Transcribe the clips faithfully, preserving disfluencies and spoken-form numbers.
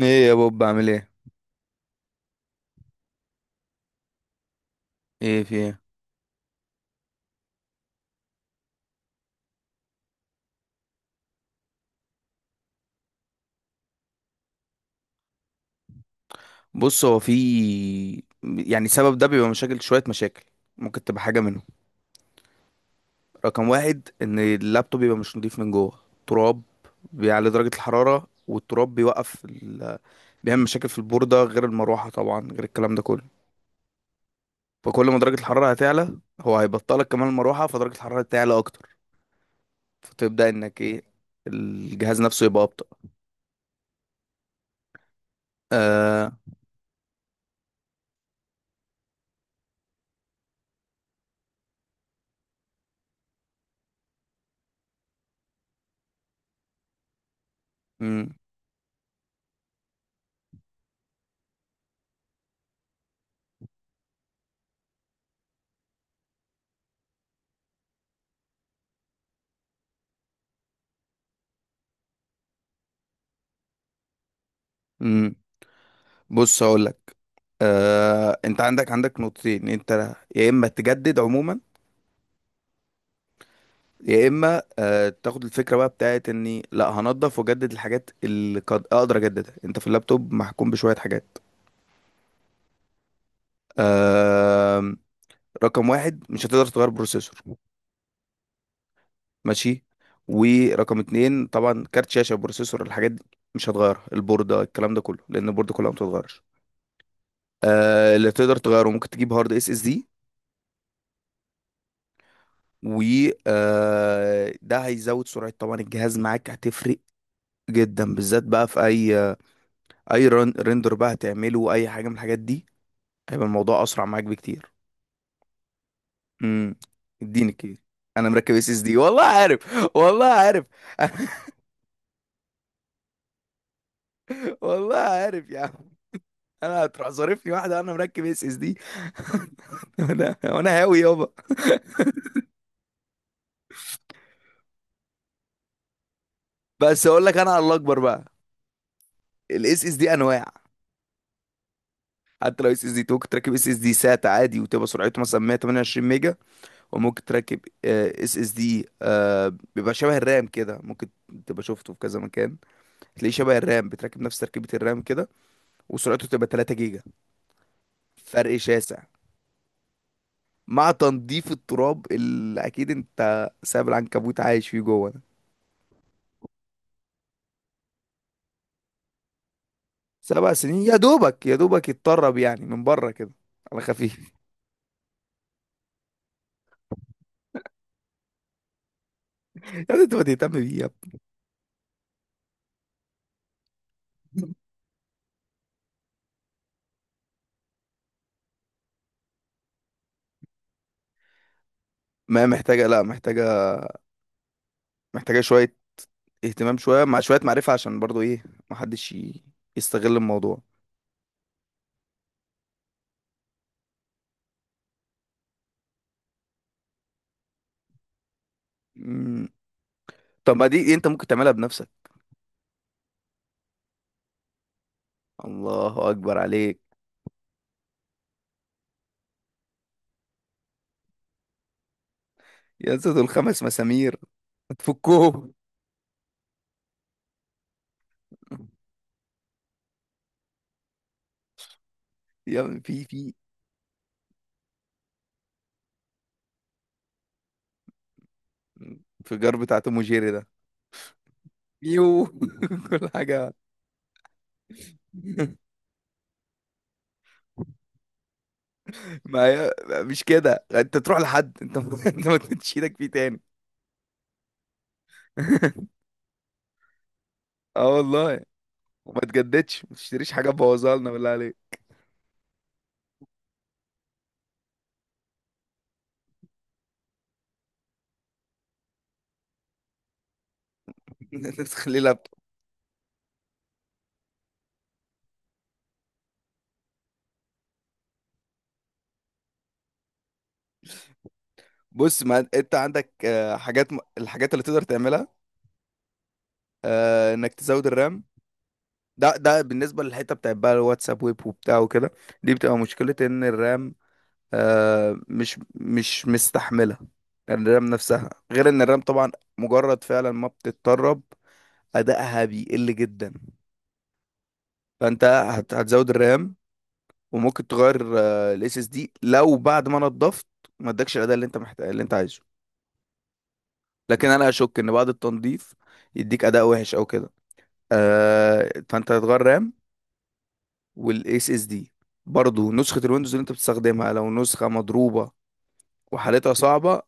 ايه يا بوب بعمل ايه؟ ايه في ايه؟ بص، هو في يعني سبب ده بيبقى مشاكل، شوية مشاكل ممكن تبقى حاجة منهم. رقم واحد، ان اللابتوب بيبقى مش نضيف من جوه، تراب، بيعلي درجة الحرارة، والتراب بيوقف ال... بيعمل مشاكل في البوردة، غير المروحة طبعا، غير الكلام ده كله. فكل ما درجة الحرارة هتعلى، هو هيبطلك كمان المروحة، فدرجة الحرارة تعلى اكتر، فتبدأ انك ايه، الجهاز نفسه يبقى ابطأ. آه... مم. مم. بص هقولك، آه، انت عندك عندك نقطتين. انت يا اما تجدد عموما، يا اما آه، تاخد الفكره بقى بتاعت اني لا هنضف واجدد الحاجات اللي قد اقدر اجددها. انت في اللابتوب محكوم بشويه حاجات. آه، رقم واحد، مش هتقدر تغير بروسيسور. ماشي. ورقم اتنين طبعا، كارت شاشه، بروسيسور، الحاجات دي مش هتغيرها، البورده، الكلام ده كله، لان البورده كلها ما بتتغيرش. آه، اللي تقدر تغيره، ممكن تجيب هارد اس اس دي. و آه، ده هيزود سرعة طبعا الجهاز، معاك هتفرق جدا، بالذات بقى في اي اي رن... رندر بقى هتعمله، اي حاجه من الحاجات دي، هيبقى الموضوع اسرع معاك بكتير. امم. اديني كده. انا مركب اس اس دي. والله عارف، والله عارف. والله عارف يا عم. انا هتروح ظارفني واحده، انا مركب اس اس دي. انا انا هاوي يابا. بس اقول لك انا على، الله اكبر بقى. الاس اس دي انواع. حتى لو اس اس دي تو، كنت راكب اس اس دي سات عادي، وتبقى سرعته مثلا مية وتمنية وعشرين ميجا. وممكن تركب اس اس دي بيبقى شبه الرام كده، ممكن تبقى شفته في كذا مكان، تلاقيه شبه الرام، بتركب نفس تركيبة الرام كده، وسرعته تبقى تلاتة جيجا. فرق شاسع. مع تنظيف التراب اللي اكيد انت سايب العنكبوت عايش فيه جوه ده. سبع سنين؟ يا دوبك يا دوبك يتطرب يعني من بره كده، على خفيف. يا ابني انت ما تهتم بيه يا ابني! ما هي محتاجة، لا محتاجة، محتاجة شوية اهتمام، شوية مع شوية معرفة، عشان برضو ايه، محدش ي- يستغل الموضوع. مم. طب ما دي دي انت ممكن تعملها بنفسك. الله اكبر عليك. يا اسطى دول خمس مسامير، هتفكهم. يا ابني في في انفجار بتاع توم وجيري ده. يو. كل حاجه. ما هي مش كده، انت تروح لحد، انت ما- انت ما تمدش ايدك فيه تاني. اه والله. وما تجددش، ما تشتريش حاجه تبوظها لنا بالله عليك. انت تخلي لابتوب! بص، ما انت عندك آه، حاجات، م... الحاجات اللي تقدر تعملها. آه، انك تزود الرام. ده ده بالنسبه للحته بتاعت بقى الواتساب ويب وبتاع وكده، دي بتبقى مشكله ان الرام آه مش مش مستحمله. الرام نفسها غير ان الرام طبعا مجرد فعلا ما بتتطرب، ادائها بيقل جدا. فانت هت- هتزود الرام، وممكن تغير الاس اس دي لو بعد ما نضفت ما ادكش الاداء اللي انت محتاج اللي انت عايزه. لكن انا اشك ان بعد التنظيف يديك اداء وحش او كده. آه، فانت هتغير رام والاس اس دي. برضو نسخة الويندوز اللي انت بتستخدمها، لو نسخة مضروبة وحالتها صعبة،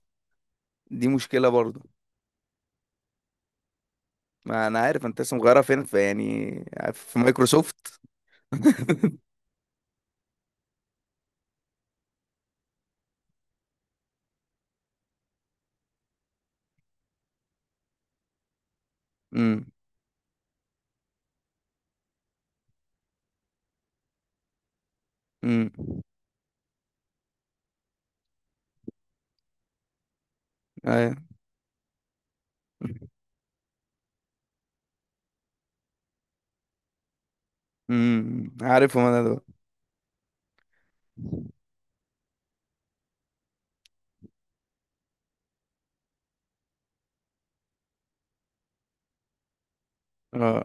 دي مشكلة برضو. ما انا عارف انت لسه مغيرها فين، في يعني، في مايكروسوفت. امم. امم. ايوه. امم. عارفهم انا دول. اه،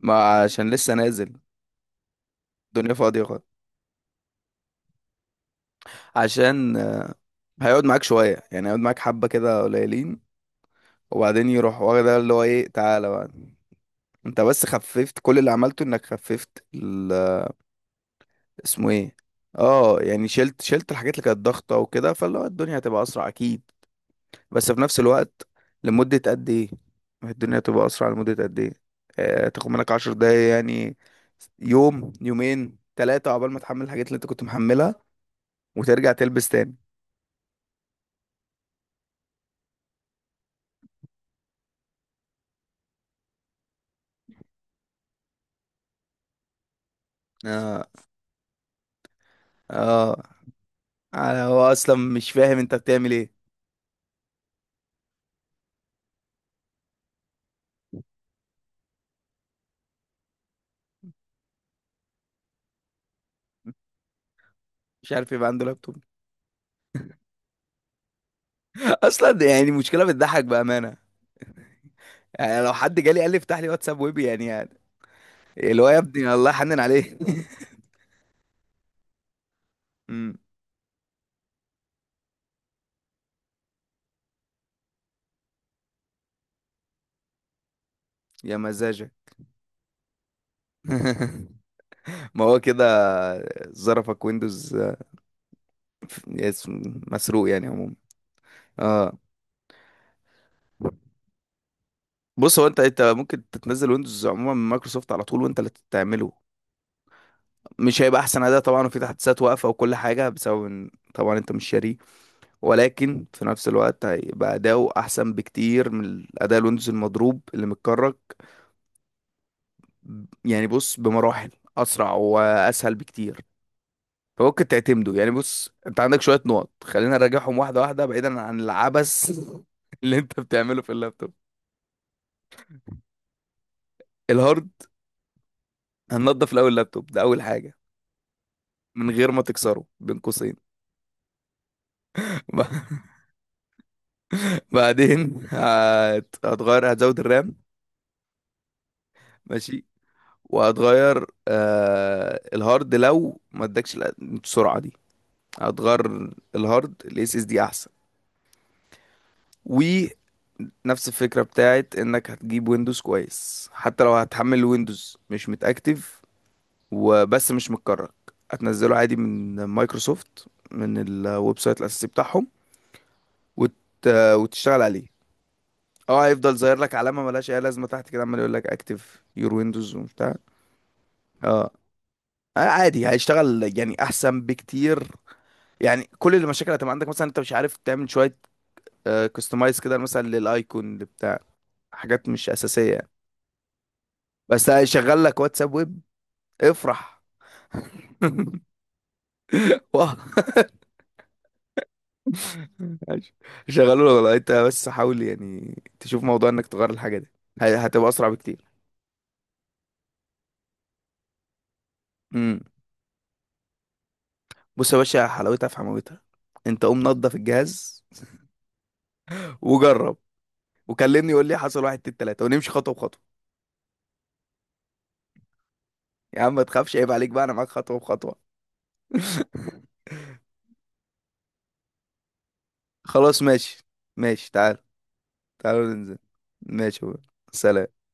ما عشان لسه نازل، الدنيا فاضية خالص. عشان آه، هيقعد معاك شوية، يعني هيقعد معاك حبة كده قليلين، وبعدين يروح واخد اللي هو ايه، تعالى بقى، انت بس خففت، كل اللي عملته انك خففت. اسمه ايه، اه يعني شلت شلت الحاجات اللي كانت ضغطة وكده، فاللي هو الدنيا هتبقى اسرع اكيد. بس في نفس الوقت، لمدة قد ايه؟ ما هي الدنيا هتبقى اسرع لمدة قد ايه؟ آه، تاخد منك عشر دقايق يعني، يوم يومين ثلاثة، عقبال ما تحمل الحاجات اللي انت كنت محملها وترجع تلبس تاني. اه. اه. أنا هو اصلا مش فاهم انت بتعمل ايه. مش عارف يبقى عنده لابتوب! اصلا يعني مشكلة بتضحك بأمانة. يعني لو حد جالي قال لي افتح لي واتساب ويبي، يعني, يعني اللي هو يا ابني الله يحنن عليه. مم. يا مزاجك. ما هو كده. ظرفك ويندوز، آه، اسم- مسروق يعني عموما. اه. بص، هو انت انت ممكن تتنزل ويندوز عموما من مايكروسوفت على طول وانت اللي تعمله. مش هيبقى احسن اداء طبعا، وفي تحديثات واقفه، وكل حاجه بسبب ان طبعا انت مش شاريه. ولكن في نفس الوقت هيبقى اداؤه احسن بكتير من اداء الويندوز المضروب اللي متكرك. يعني بص، بمراحل اسرع واسهل بكتير. فممكن تعتمده. يعني بص، انت عندك شويه نقط، خلينا نراجعهم واحده واحده، بعيدا عن العبث اللي انت بتعمله في اللابتوب. الهارد، هننضف الاول اللابتوب ده اول حاجه، من غير ما تكسره بين قوسين. ب- بعدين هت... هتغير، هتزود الرام. ماشي. وهتغير آه... الهارد، لو ما ادكش الأ- السرعه دي، هتغير الهارد الاس اس دي احسن. و نفس الفكرة بتاعت انك هتجيب ويندوز كويس. حتى لو هتحمل ويندوز مش متأكتف وبس مش متكرر، هتنزله عادي من مايكروسوفت، من الويب سايت الاساسي بتاعهم، وت... وتشتغل عليه. اه، هيفضل ظاهر لك علامه ملهاش اي لازمه تحت كده، عمال يقول لك اكتف يور ويندوز وبتاع. اه، آه، عادي هيشتغل يعني احسن بكتير. يعني كل المشاكل هتبقى عندك مثلا انت مش عارف تعمل شويه كستمايز كده مثلا للايكون اللي بتاع، حاجات مش اساسيه يعني. بس هيشغل لك واتساب ويب، افرح. واه. ماشي. شغلوا له والله، انت بس حاول يعني تشوف موضوع انك تغير الحاجه دي، ه- هتبقى اسرع بكتير. امم. بص يا باشا، حلاوتها في حماوتها، انت قوم نضف الجهاز وجرب، وكلمني يقول لي حصل واحد اتنين تلاته، ونمشي خطوه بخطوه. يا عم ما تخافش، عيب عليك بقى، انا معاك خطوه بخطوه. خلاص ماشي. ماشي تعال، تعالوا ننزل. ماشي يا بابا. سلام.